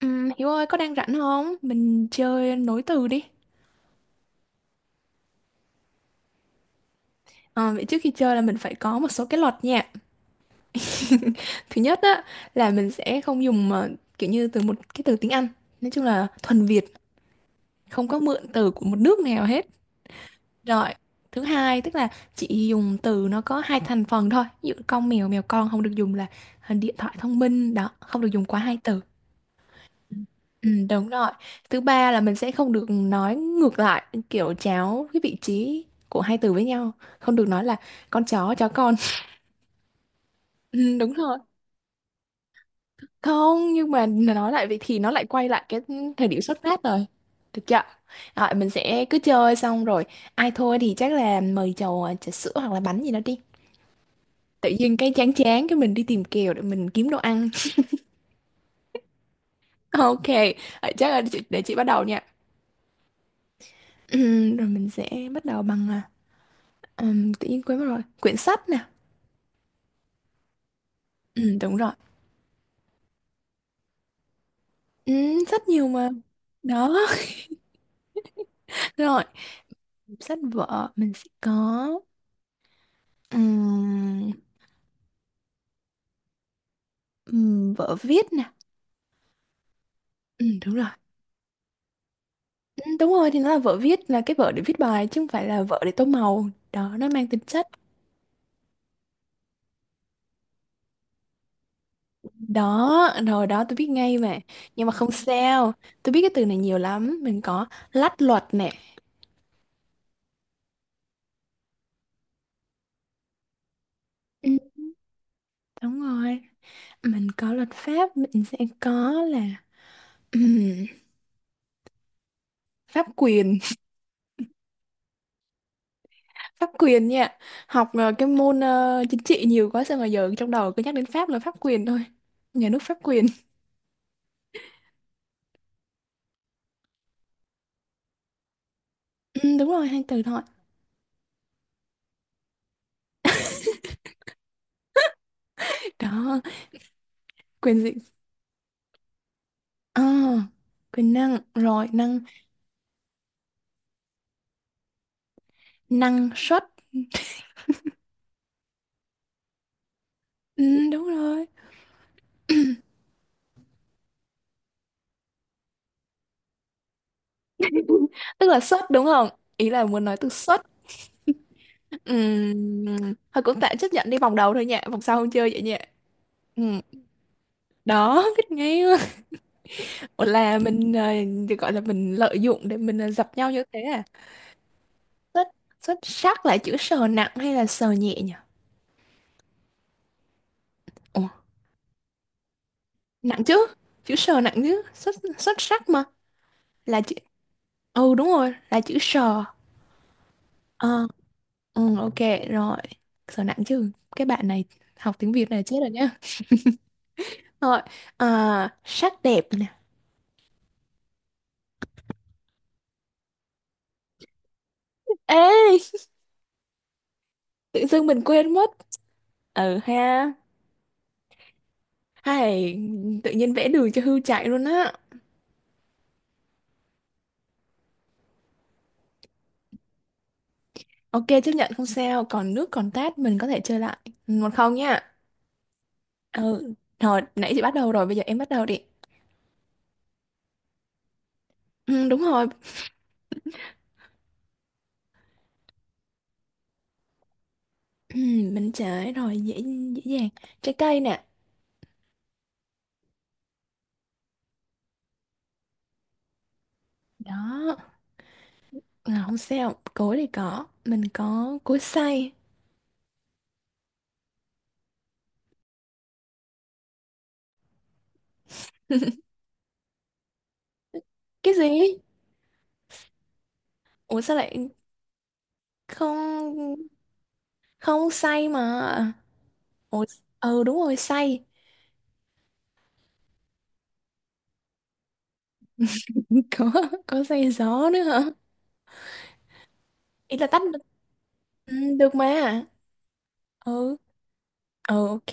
Hiếu ơi có đang rảnh không? Mình chơi nối từ đi. Ờ, Vậy trước khi chơi là mình phải có một số cái luật nha. Thứ nhất á là mình sẽ không dùng kiểu như từ một cái từ tiếng Anh. Nói chung là thuần Việt, không có mượn từ của một nước nào hết. Rồi. Thứ hai tức là chỉ dùng từ nó có hai thành phần thôi. Ví dụ con mèo, mèo con, không được dùng là điện thoại thông minh đó, không được dùng quá hai từ. Ừ, đúng rồi. Thứ ba là mình sẽ không được nói ngược lại, kiểu chéo cái vị trí của hai từ với nhau. Không được nói là con chó, chó con. Ừ, đúng rồi. Không, nhưng mà nói lại vậy thì nó lại quay lại cái thời điểm xuất phát rồi. Được chưa? Rồi, mình sẽ cứ chơi xong rồi. Ai thôi thì chắc là mời chầu trà sữa hoặc là bánh gì đó đi. Tự nhiên cái chán chán cái mình đi tìm kèo để mình kiếm đồ ăn. Ok, chắc là để chị bắt đầu nha. Rồi mình sẽ bắt đầu bằng tự nhiên quên mất rồi. Quyển sách nè. Ừ, đúng rồi. Ừ, rất nhiều mà. Đó, rồi. Sách vở mình sẽ có ừm, vở viết nè. Ừ, đúng rồi. Ừ, đúng rồi, thì nó là vở viết, là cái vở để viết bài chứ không phải là vở để tô màu. Đó, nó mang tính chất. Đó, rồi đó tôi biết ngay mà. Nhưng mà không sao. Tôi biết cái từ này nhiều lắm. Mình có lách luật nè. Ừ, đúng rồi. Mình có luật pháp, mình sẽ có là pháp quyền. Pháp quyền nha, học cái môn chính trị nhiều quá sao mà giờ trong đầu cứ nhắc đến Pháp là pháp quyền thôi, nhà nước pháp quyền. Ừ, đúng rồi, hai từ thôi. Đó, quyền gì. à, Quyền năng. Rồi năng, năng suất. Ừ, đúng rồi. Tức là suất đúng không, ý là muốn nói từ suất. Ừ, thôi cũng tạm chấp nhận đi, vòng đầu thôi nha, vòng sau không chơi vậy nha. Ừ. Đó, biết ngay. Ủa là mình được gọi là mình lợi dụng để mình dập nhau như thế à? Xuất, xuất sắc là chữ sờ nặng hay là sờ nhẹ nhỉ? Ồ, nặng chứ. Chữ sờ nặng chứ. Xuất, xuất sắc mà. Là chữ. Ừ đúng rồi, là chữ sờ. Ờ, ừ, ok rồi. Sờ nặng chứ. Cái bạn này học tiếng Việt này chết rồi nhá. Rồi, sắc đẹp nè. Ê, tự dưng mình quên mất. Ừ ha. Hay, tự nhiên vẽ đường cho hươu chạy luôn á. Ok chấp nhận không sao, còn nước còn tát mình có thể chơi lại. 1-0 nha. Ừ. Rồi, nãy chị bắt đầu rồi, bây giờ em bắt đầu đi. Ừ, đúng rồi. Mình trễ rồi, dễ dễ dàng. Trái cây nè. Đó, không sao, cối thì có, mình có cối xay. Cái gì? Ủa, sao lại. Không, không xay mà. Ủa, ừ đúng rồi, xay. có có xay gió nữa hả? Ý là tách được. Ừ, được mà. Ừ, ừ, ok.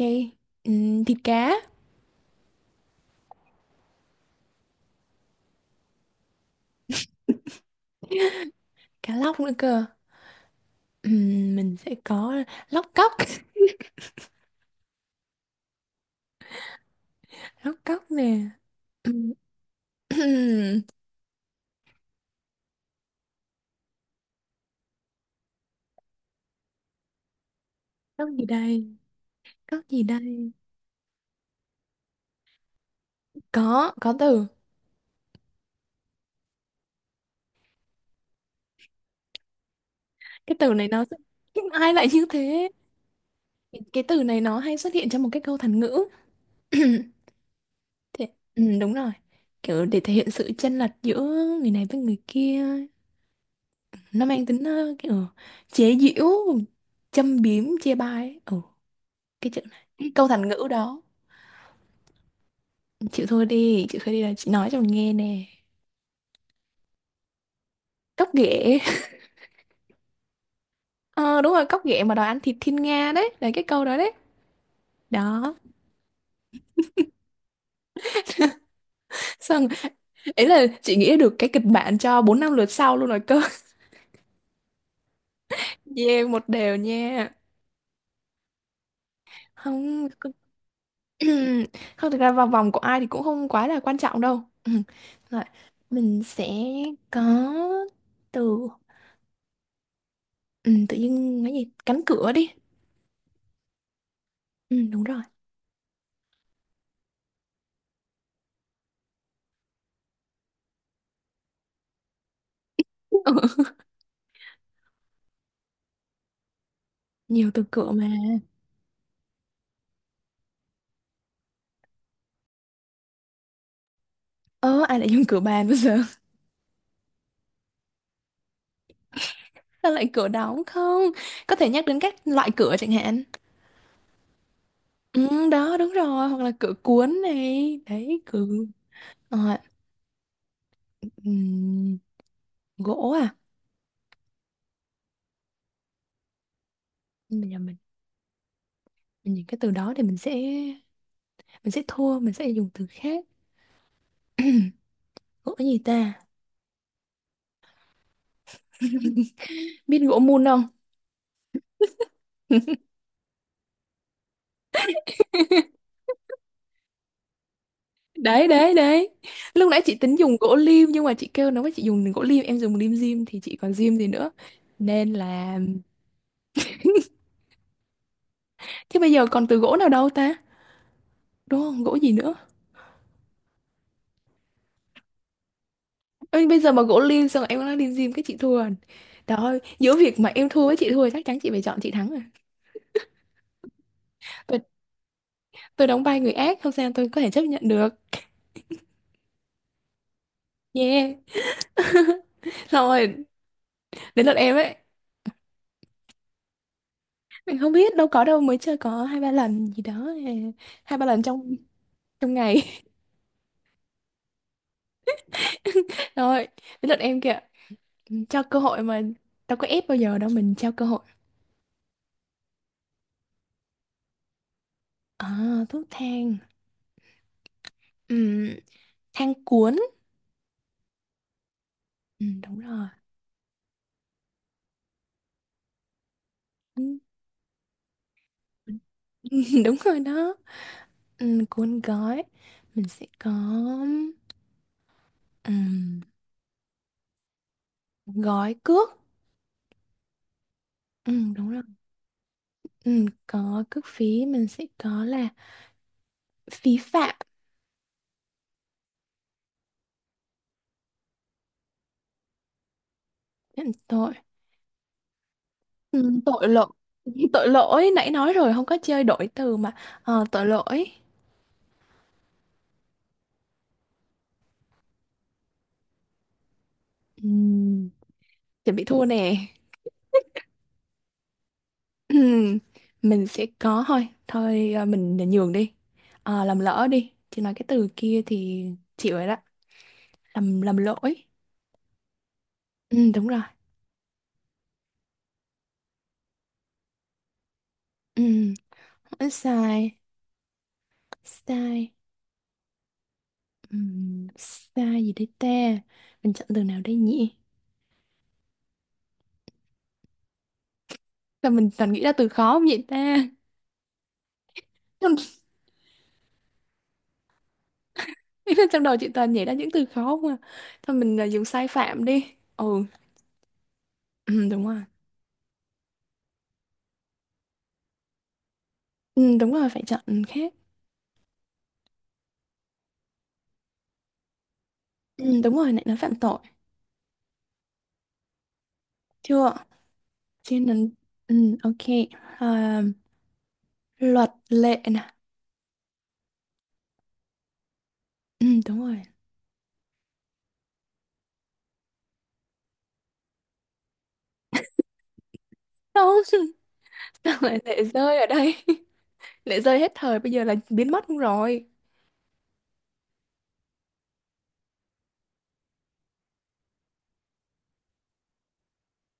Ừ, thịt cá. Cá lóc nữa cơ. Ừ, mình sẽ có lóc cóc. Lóc cóc nè. Ừ, lóc gì đây. Cóc gì đây? Có từ. Cái từ này nó. Ai lại như thế? Cái từ này nó hay xuất hiện trong một cái câu thành ngữ. Thế, ừ, đúng rồi. Kiểu để thể hiện sự chênh lệch giữa người này với người kia. Nó mang tính kiểu chế giễu, châm biếm, chê bai ấy. Ừ, cái chữ này. Cái câu thành ngữ đó. Chịu thôi đi, chịu thôi đi, là chị nói cho mình nghe nè. Cóc ghẻ. Ờ, đúng rồi, cóc ghẻ mà đòi ăn thịt thiên nga đấy. Là cái câu đó đấy. Đó. Sao. Ý là chị nghĩ được cái kịch bản cho 4 năm lượt sau luôn rồi cơ. Yeah, một đều nha. Không, không thực ra vào vòng của ai thì cũng không quá là quan trọng đâu. Ừ. Rồi, mình sẽ có từ, ừ, tự nhiên cái gì? Cánh cửa đi. Ừ, đúng rồi. Ừ, nhiều từ cửa mà. Ơ, ai lại dùng cửa bàn bây giờ? Sao lại cửa đóng không? Có thể nhắc đến các loại cửa chẳng hạn. Ừ, đó, đúng rồi. Hoặc là cửa cuốn này. Đấy, cửa. Ờ, ừ. Gỗ à? Nhưng mà giờ mình nhìn cái từ đó thì mình sẽ thua, mình sẽ dùng từ khác. Gỗ gì ta? Biết gỗ mun không? Đấy đấy đấy. Lúc nãy chị tính dùng gỗ lim nhưng mà chị kêu nó, với chị dùng gỗ lim em dùng lim dim thì chị còn dim gì nữa, nên là, chứ bây giờ còn từ gỗ nào đâu ta, đúng không, gỗ gì nữa. Ê, bây giờ mà gỗ lim xong rồi em nói lim dim cái chị thua rồi. Trời ơi, giữa việc mà em thua với chị thua chắc chắn chị phải chọn chị thắng rồi. Tôi tôi đóng vai người ác không sao, tôi có thể chấp nhận được. Yeah. Xong rồi, đến lượt em ấy. Mình không biết đâu, có đâu, mới chơi có hai ba lần gì đó à, hai ba lần trong trong ngày. Rồi, đến lượt em kìa. Ừ, cho cơ hội mà, đâu có ép bao giờ đâu, mình trao cơ hội. Thuốc thang. Ừm, Thang cuốn. Đúng rồi. Ừm, đúng rồi đó. Cuốn gói, mình sẽ có ừm, gói cước. Đúng rồi. Có cước phí, mình sẽ có là phí phạm. Phạm tội. Ừ, tội lỗi. Tội lỗi nãy nói rồi, không có chơi đổi từ mà. Ờ, tội lỗi. Ừm, Chuẩn bị thua nè. Ừm, mình sẽ có thôi thôi, mình nhường đi. Ờ, làm lỡ đi chị nói cái từ kia thì chịu rồi đó. Làm lỗi. Đúng rồi. Ừm, Sai, sai. Sai gì đấy ta, mình chọn từ nào đây nhỉ, sao mình toàn nghĩ ra từ khó không vậy ta. Trong đầu chị toàn nhảy ra những từ khó không à. Thôi mình dùng sai phạm đi. Ừ, ừ đúng rồi. Ừ, đúng rồi, phải chọn khác. Ừ, đúng rồi, lại nói phạm tội. Chưa trên nấn. Ừ, ok. à, Luật lệ nè. Ừ, đúng rồi. Không. Sao lại lệ rơi ở đây? Lệ rơi hết thời bây giờ là biến mất luôn rồi.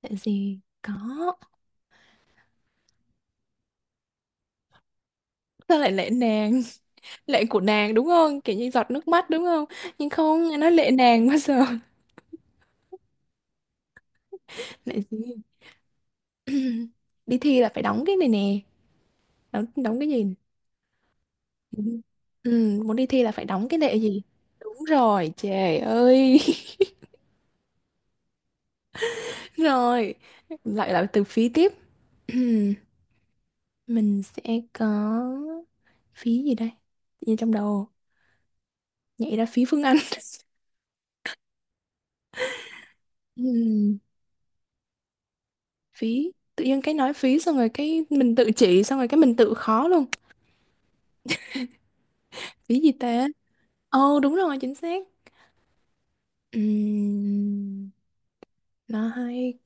Lệ gì có. Sao lại lệ nàng? Lệ của nàng đúng không, kiểu như giọt nước mắt đúng không, nhưng không nghe nói lệ nàng bao giờ. Lại gì? Đi thi là phải đóng cái này nè. Đóng, đóng cái gì. Ừ, Ừ, muốn đi thi là phải đóng cái nệ gì. Đúng rồi trời ơi. Rồi, lại là từ phí tiếp. Mình sẽ có phí gì đây, như trong đầu nhảy ra phí Phương Anh. Ừm, Phí, tự nhiên cái nói phí xong rồi cái mình tự chỉ xong rồi cái mình tự khó luôn. Phí gì ta? Ồ đúng rồi, chính xác. Ừm, nó hay,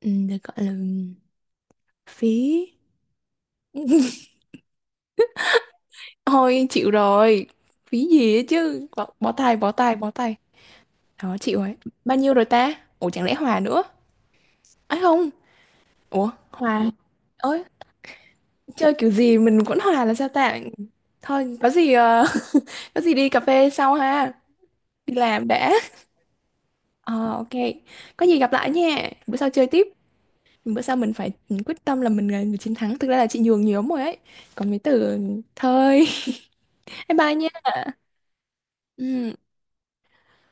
ừ, được gọi là phí. Thôi chịu rồi, phí gì ấy chứ, bó tay bó tay bó tay. Đó, chịu ấy. Bao nhiêu rồi ta, ủa chẳng lẽ hòa nữa ấy không. Ủa hòa ơi, chơi kiểu gì mình vẫn hòa là sao ta. Thôi có gì, có gì đi cà phê sau ha. Đi làm đã. Ờ ok, có gì gặp lại nha, bữa sau chơi tiếp. Bữa sau mình phải quyết tâm là mình là người chiến thắng, thực ra là chị nhường nhiều lắm rồi ấy, còn mấy từ. Thôi. Bye bye nha. Ừ.